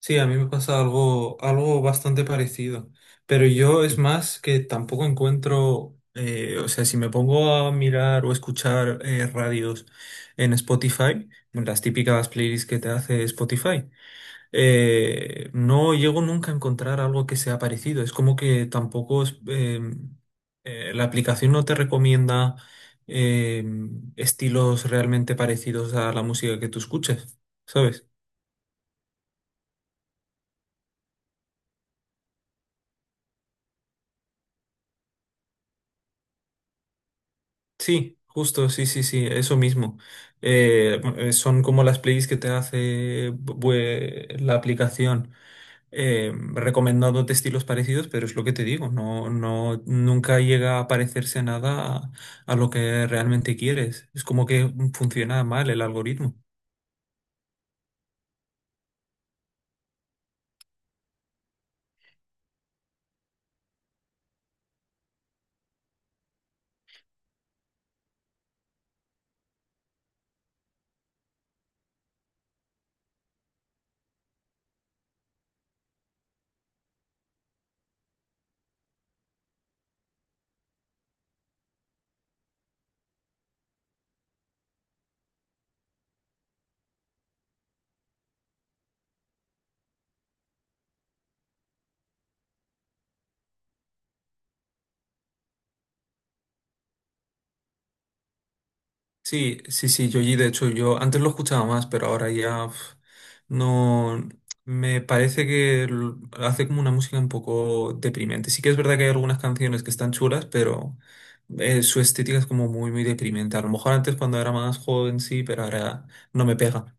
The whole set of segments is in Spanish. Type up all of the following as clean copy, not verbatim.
Sí, a mí me pasa algo, algo bastante parecido, pero yo es más que tampoco encuentro, o sea, si me pongo a mirar o escuchar radios en Spotify, las típicas playlists que te hace Spotify. No llego nunca a encontrar algo que sea parecido. Es como que tampoco es, la aplicación no te recomienda eh, estilos realmente parecidos a la música que tú escuches, ¿sabes? Sí, justo, sí, sí, sí, eso mismo. Son como las playlists que te hace la aplicación, recomendándote estilos parecidos, pero es lo que te digo, nunca llega a parecerse nada a lo que realmente quieres. Es como que funciona mal el algoritmo. Sí, sí, sí, Yoyi, de hecho, yo antes lo escuchaba más, pero ahora ya uf, no. Me parece que hace como una música un poco deprimente. Sí que es verdad que hay algunas canciones que están chulas, pero su estética es como muy, muy deprimente. A lo mejor antes cuando era más joven sí, pero ahora no me pega.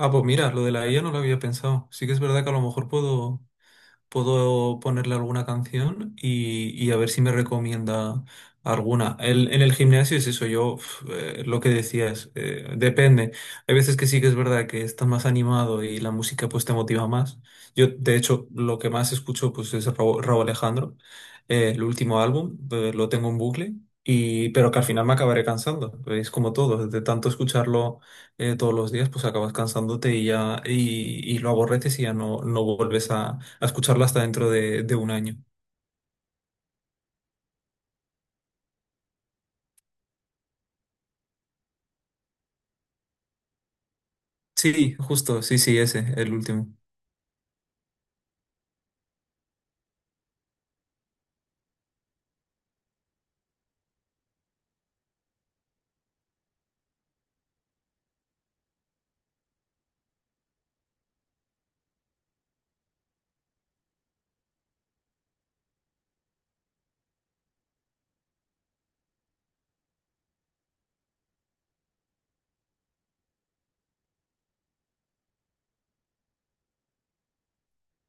Ah, pues mira, lo de la IA no lo había pensado. Sí que es verdad que a lo mejor puedo ponerle alguna canción y a ver si me recomienda alguna. En el gimnasio es eso, yo uf, lo que decías, depende. Hay veces que sí que es verdad que estás más animado y la música pues te motiva más. Yo, de hecho, lo que más escucho pues es Raúl Alejandro, el último álbum, lo tengo en bucle. Y, pero que al final me acabaré cansando, es como todo, de tanto escucharlo todos los días, pues acabas cansándote y ya y lo aborreces y ya no, no vuelves a escucharlo hasta dentro de un año. Sí, justo, sí, sí, ese, el último.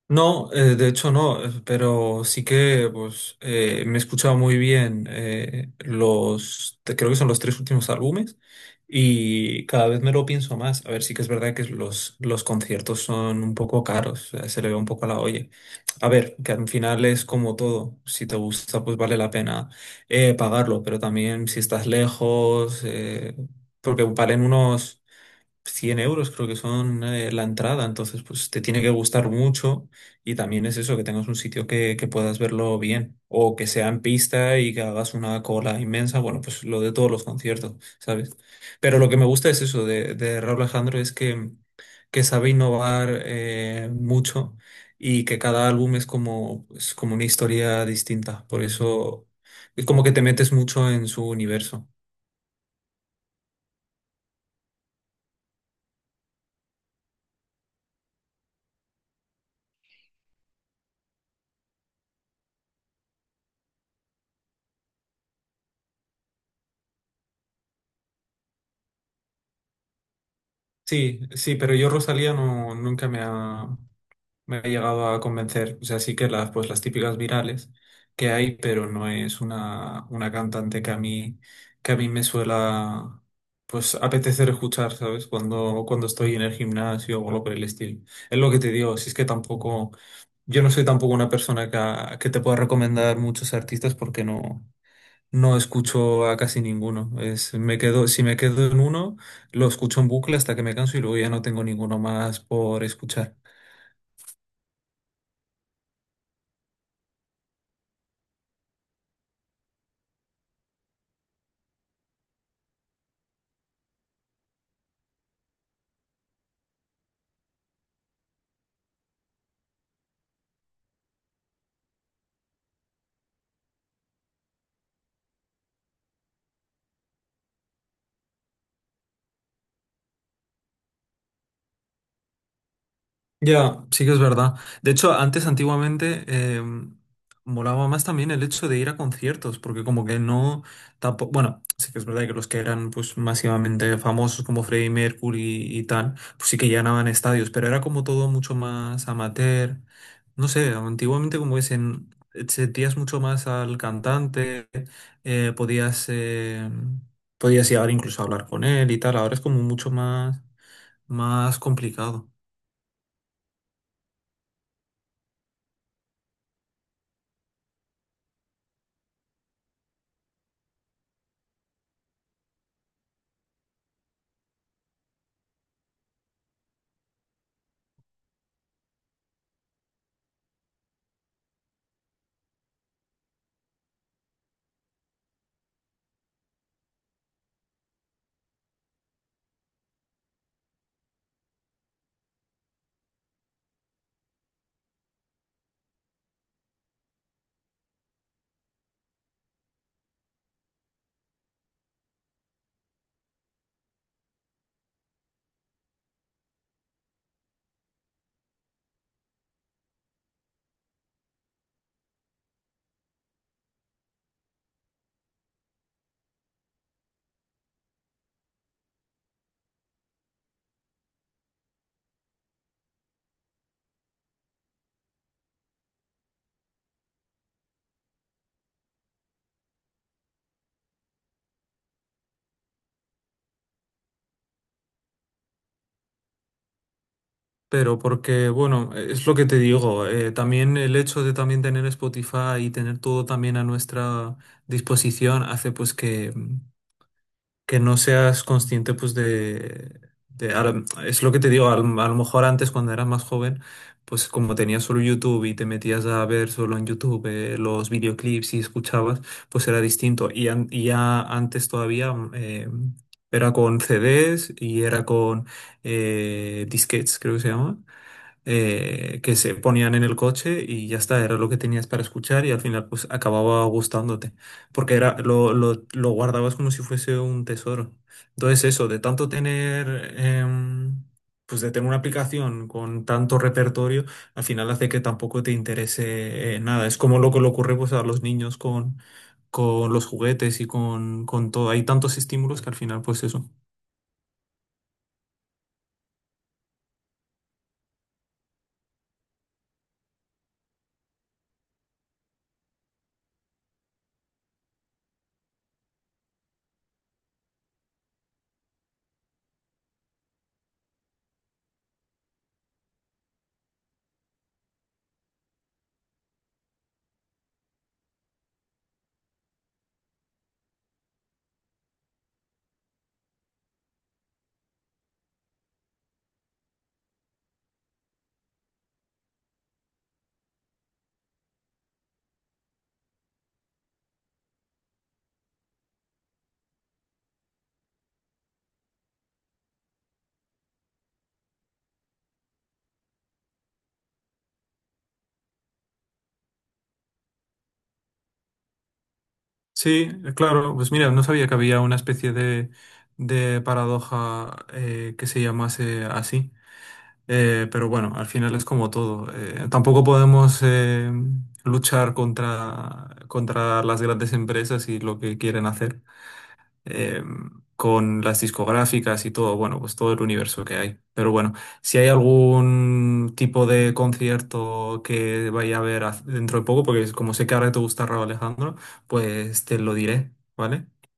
No, de hecho no, pero sí que pues me he escuchado muy bien los, creo que son los tres últimos álbumes y cada vez me lo pienso más. A ver, sí que es verdad que los conciertos son un poco caros, se le ve un poco a la olla. A ver, que al final es como todo, si te gusta pues vale la pena pagarlo, pero también si estás lejos, porque valen unos 100 euros creo que son la entrada, entonces pues te tiene que gustar mucho y también es eso, que tengas un sitio que puedas verlo bien o que sea en pista y que hagas una cola inmensa, bueno, pues lo de todos los conciertos, ¿sabes? Pero lo que me gusta es eso de Raúl Alejandro es que sabe innovar mucho y que cada álbum es como una historia distinta, por eso es como que te metes mucho en su universo. Sí, sí, pero yo Rosalía no, nunca me ha, me ha llegado a convencer. O sea, sí que las, pues, las típicas virales que hay, pero no es una cantante que a mí me suela pues apetecer escuchar, ¿sabes? Cuando estoy en el gimnasio o algo por el estilo. Es lo que te digo, si es que tampoco, yo no soy tampoco una persona que te pueda recomendar muchos artistas porque no. No escucho a casi ninguno. Es, me quedo, si me quedo en uno, lo escucho en bucle hasta que me canso y luego ya no tengo ninguno más por escuchar. Ya, sí que es verdad. De hecho, antes, antiguamente, molaba más también el hecho de ir a conciertos, porque como que no, tampoco, bueno, sí que es verdad que los que eran pues masivamente famosos como Freddie Mercury y tal, pues sí que llenaban estadios, pero era como todo mucho más amateur. No sé, antiguamente como que sentías mucho más al cantante, eh, podías, eh, podías llegar incluso a hablar con él y tal, ahora es como mucho más, más complicado. Pero porque, bueno, es lo que te digo, también el hecho de también tener Spotify y tener todo también a nuestra disposición hace pues que no seas consciente pues de a Es lo que te digo, a a lo mejor antes cuando eras más joven, pues como tenías solo YouTube y te metías a ver solo en YouTube los videoclips y escuchabas, pues era distinto. Y ya antes todavía era con CDs y era con disquetes, creo que se llama, que se ponían en el coche y ya está, era lo que tenías para escuchar y al final pues acababa gustándote, porque era, lo guardabas como si fuese un tesoro. Entonces eso, de tanto tener, pues de tener una aplicación con tanto repertorio, al final hace que tampoco te interese nada. Es como lo que le ocurre pues a los niños con los juguetes con todo. Hay tantos estímulos que al final, pues eso. Sí, claro, pues mira, no sabía que había una especie de paradoja que se llamase así. Pero bueno, al final es como todo. Tampoco podemos luchar contra las grandes empresas y lo que quieren hacer eh, con las discográficas y todo, bueno, pues todo el universo que hay. Pero bueno, si hay algún tipo de concierto que vaya a haber dentro de poco, porque como sé que ahora te gusta Rauw Alejandro, pues te lo diré, ¿vale?